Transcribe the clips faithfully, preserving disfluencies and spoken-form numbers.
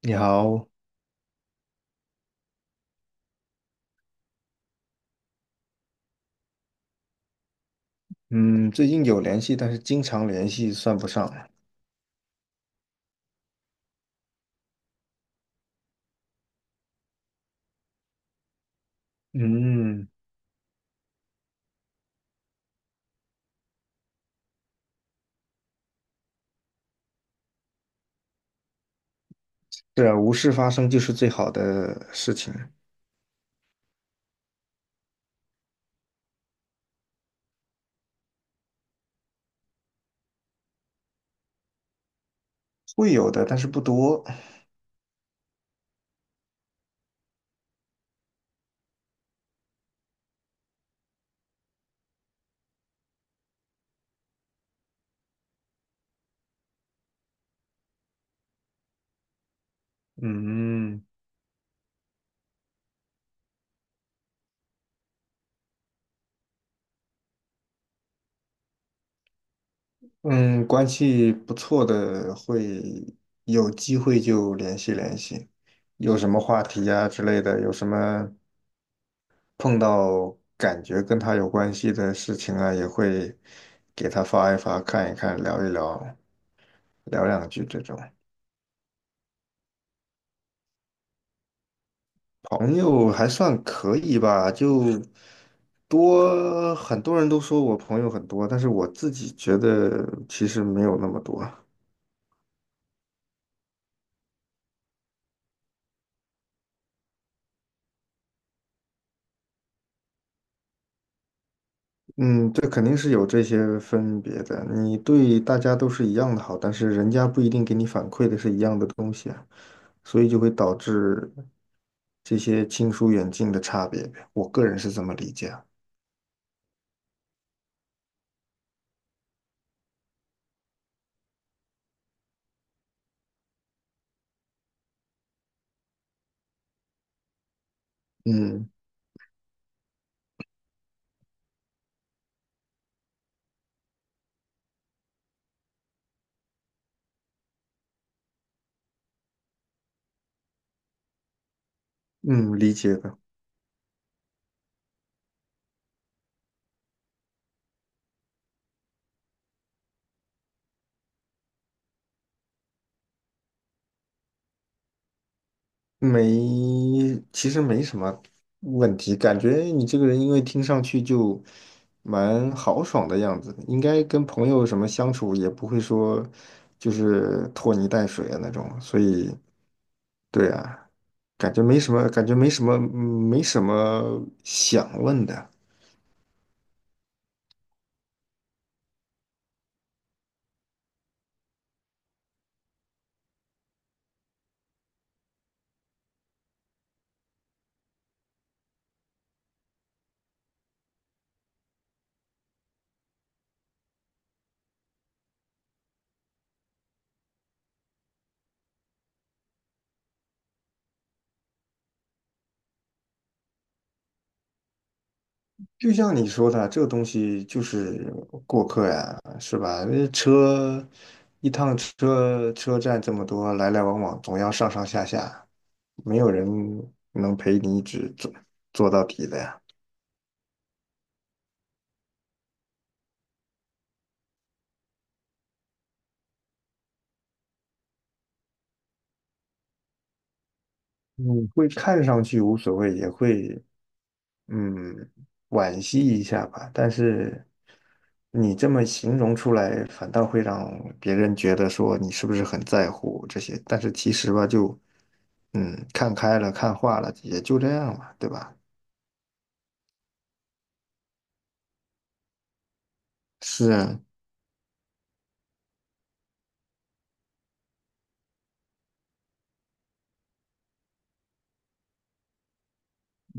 你好，嗯，最近有联系，但是经常联系算不上。嗯，对啊，无事发生就是最好的事情，会有的，但是不多。嗯嗯，关系不错的会有机会就联系联系，有什么话题啊之类的，有什么碰到感觉跟他有关系的事情啊，也会给他发一发，看一看，聊一聊，聊两句这种。朋友还算可以吧，就多，很多人都说我朋友很多，但是我自己觉得其实没有那么多。嗯，这肯定是有这些分别的。你对大家都是一样的好，但是人家不一定给你反馈的是一样的东西啊，所以就会导致这些亲疏远近的差别呗。我个人是这么理解啊。嗯嗯，理解的。没，其实没什么问题，感觉你这个人因为听上去就蛮豪爽的样子，应该跟朋友什么相处也不会说就是拖泥带水的那种，所以对啊，感觉没什么，感觉没什么，嗯没什么想问的。就像你说的，这个东西就是过客呀，是吧？那车一趟车车站这么多，来来往往，总要上上下下，没有人能陪你一直坐做到底的呀。你会看上去无所谓，也会嗯惋惜一下吧，但是你这么形容出来，反倒会让别人觉得说你是不是很在乎这些，但是其实吧，就。嗯，看开了，看化了，也就这样了，对吧？是，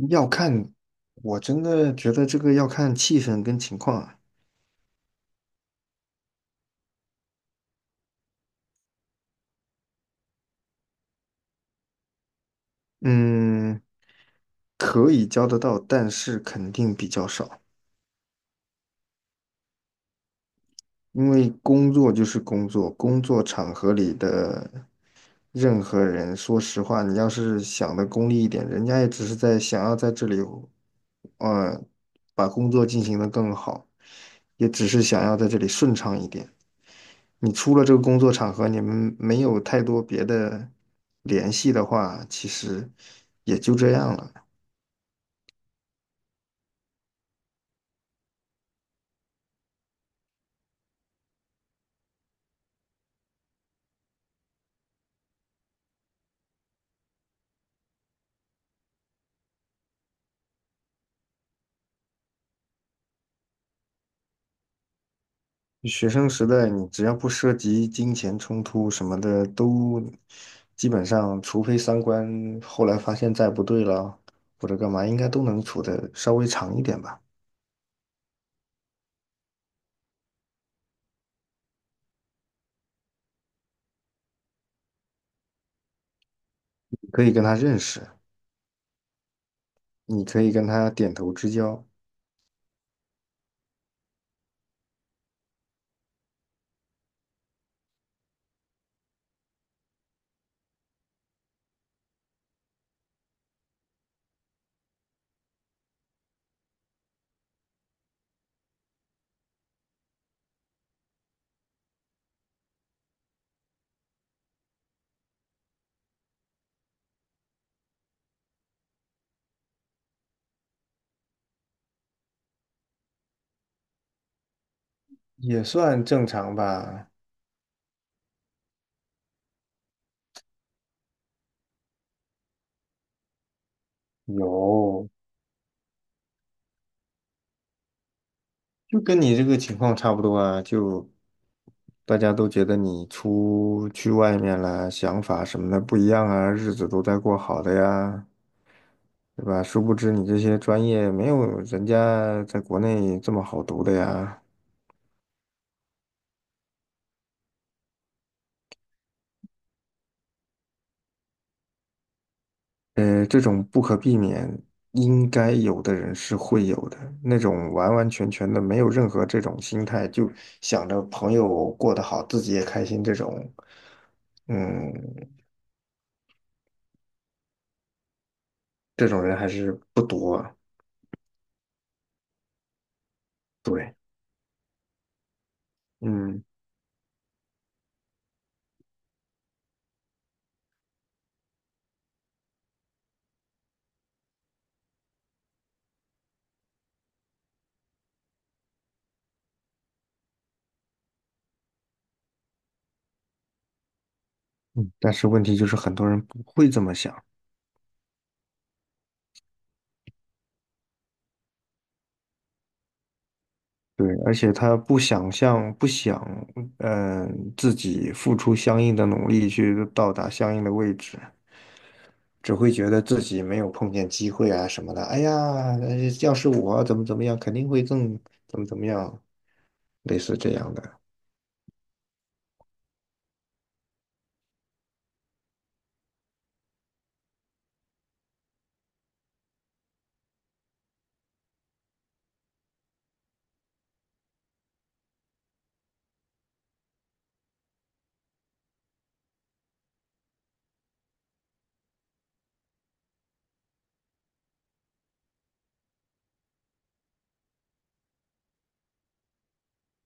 要看，我真的觉得这个要看气氛跟情况啊。嗯，可以交得到，但是肯定比较少，因为工作就是工作，工作场合里的任何人，说实话，你要是想的功利一点，人家也只是在想要在这里，呃，把工作进行的更好，也只是想要在这里顺畅一点。你出了这个工作场合，你们没有太多别的联系的话，其实也就这样了。学生时代，你只要不涉及金钱冲突什么的，都基本上，除非三观后来发现再不对了，或者干嘛，应该都能处得稍微长一点吧。可以跟他认识，你可以跟他点头之交，也算正常吧。有，就跟你这个情况差不多啊，就大家都觉得你出去外面了，想法什么的不一样啊，日子都在过好的呀，对吧？殊不知你这些专业没有人家在国内这么好读的呀。呃，这种不可避免，应该有的人是会有的，那种完完全全的没有任何这种心态，就想着朋友过得好，自己也开心，这种，嗯，这种人还是不多啊对。嗯。嗯，但是问题就是很多人不会这么想，对，而且他不想象，不想，嗯、自己付出相应的努力去到达相应的位置，只会觉得自己没有碰见机会啊什么的。哎呀，呃要是我怎么怎么样，肯定会更怎么怎么样，类似这样的。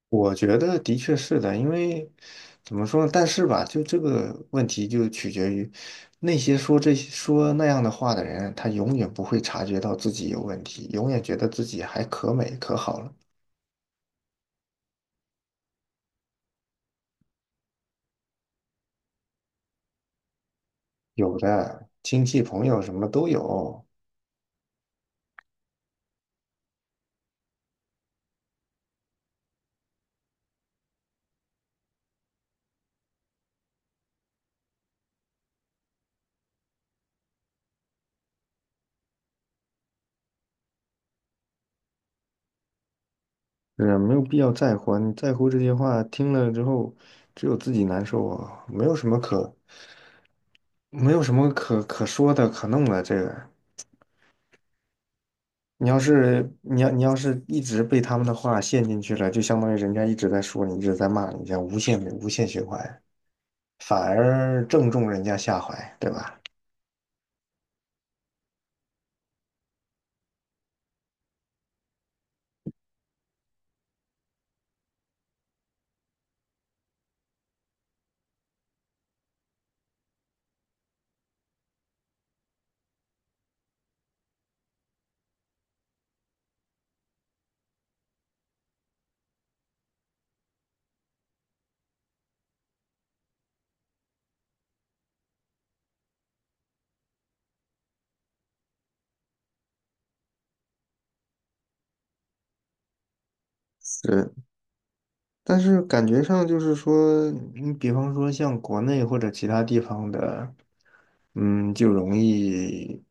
我觉得的确是的，因为怎么说呢但是吧，就这个问题就取决于那些说这些说那样的话的人，他永远不会察觉到自己有问题，永远觉得自己还可美可好了。有的亲戚朋友什么都有，是啊没有必要在乎啊你在乎这些话，听了之后只有自己难受啊，没有什么可没有什么可可说的可弄的这个。你要是你要你要是一直被他们的话陷进去了，就相当于人家一直在说你，一直在骂你，这样无限无限循环，反而正中人家下怀，对吧？是，但是感觉上就是说，你比方说像国内或者其他地方的，嗯，就容易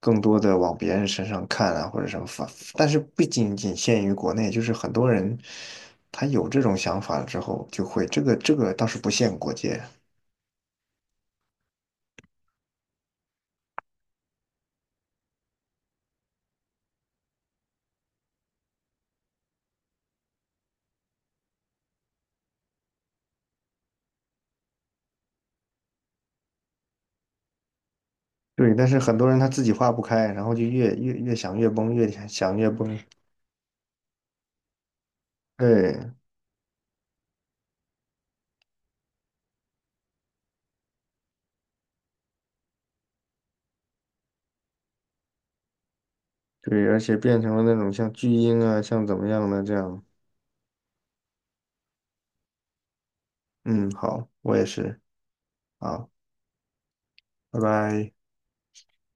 更多的往别人身上看啊，或者什么反，但是不仅仅限于国内，就是很多人他有这种想法了之后，就会这个这个倒是不限国界。对，但是很多人他自己化不开，然后就越越越想越崩，越想想越崩。对对，而且变成了那种像巨婴啊，像怎么样的这样。嗯，好，我也是。好，拜拜。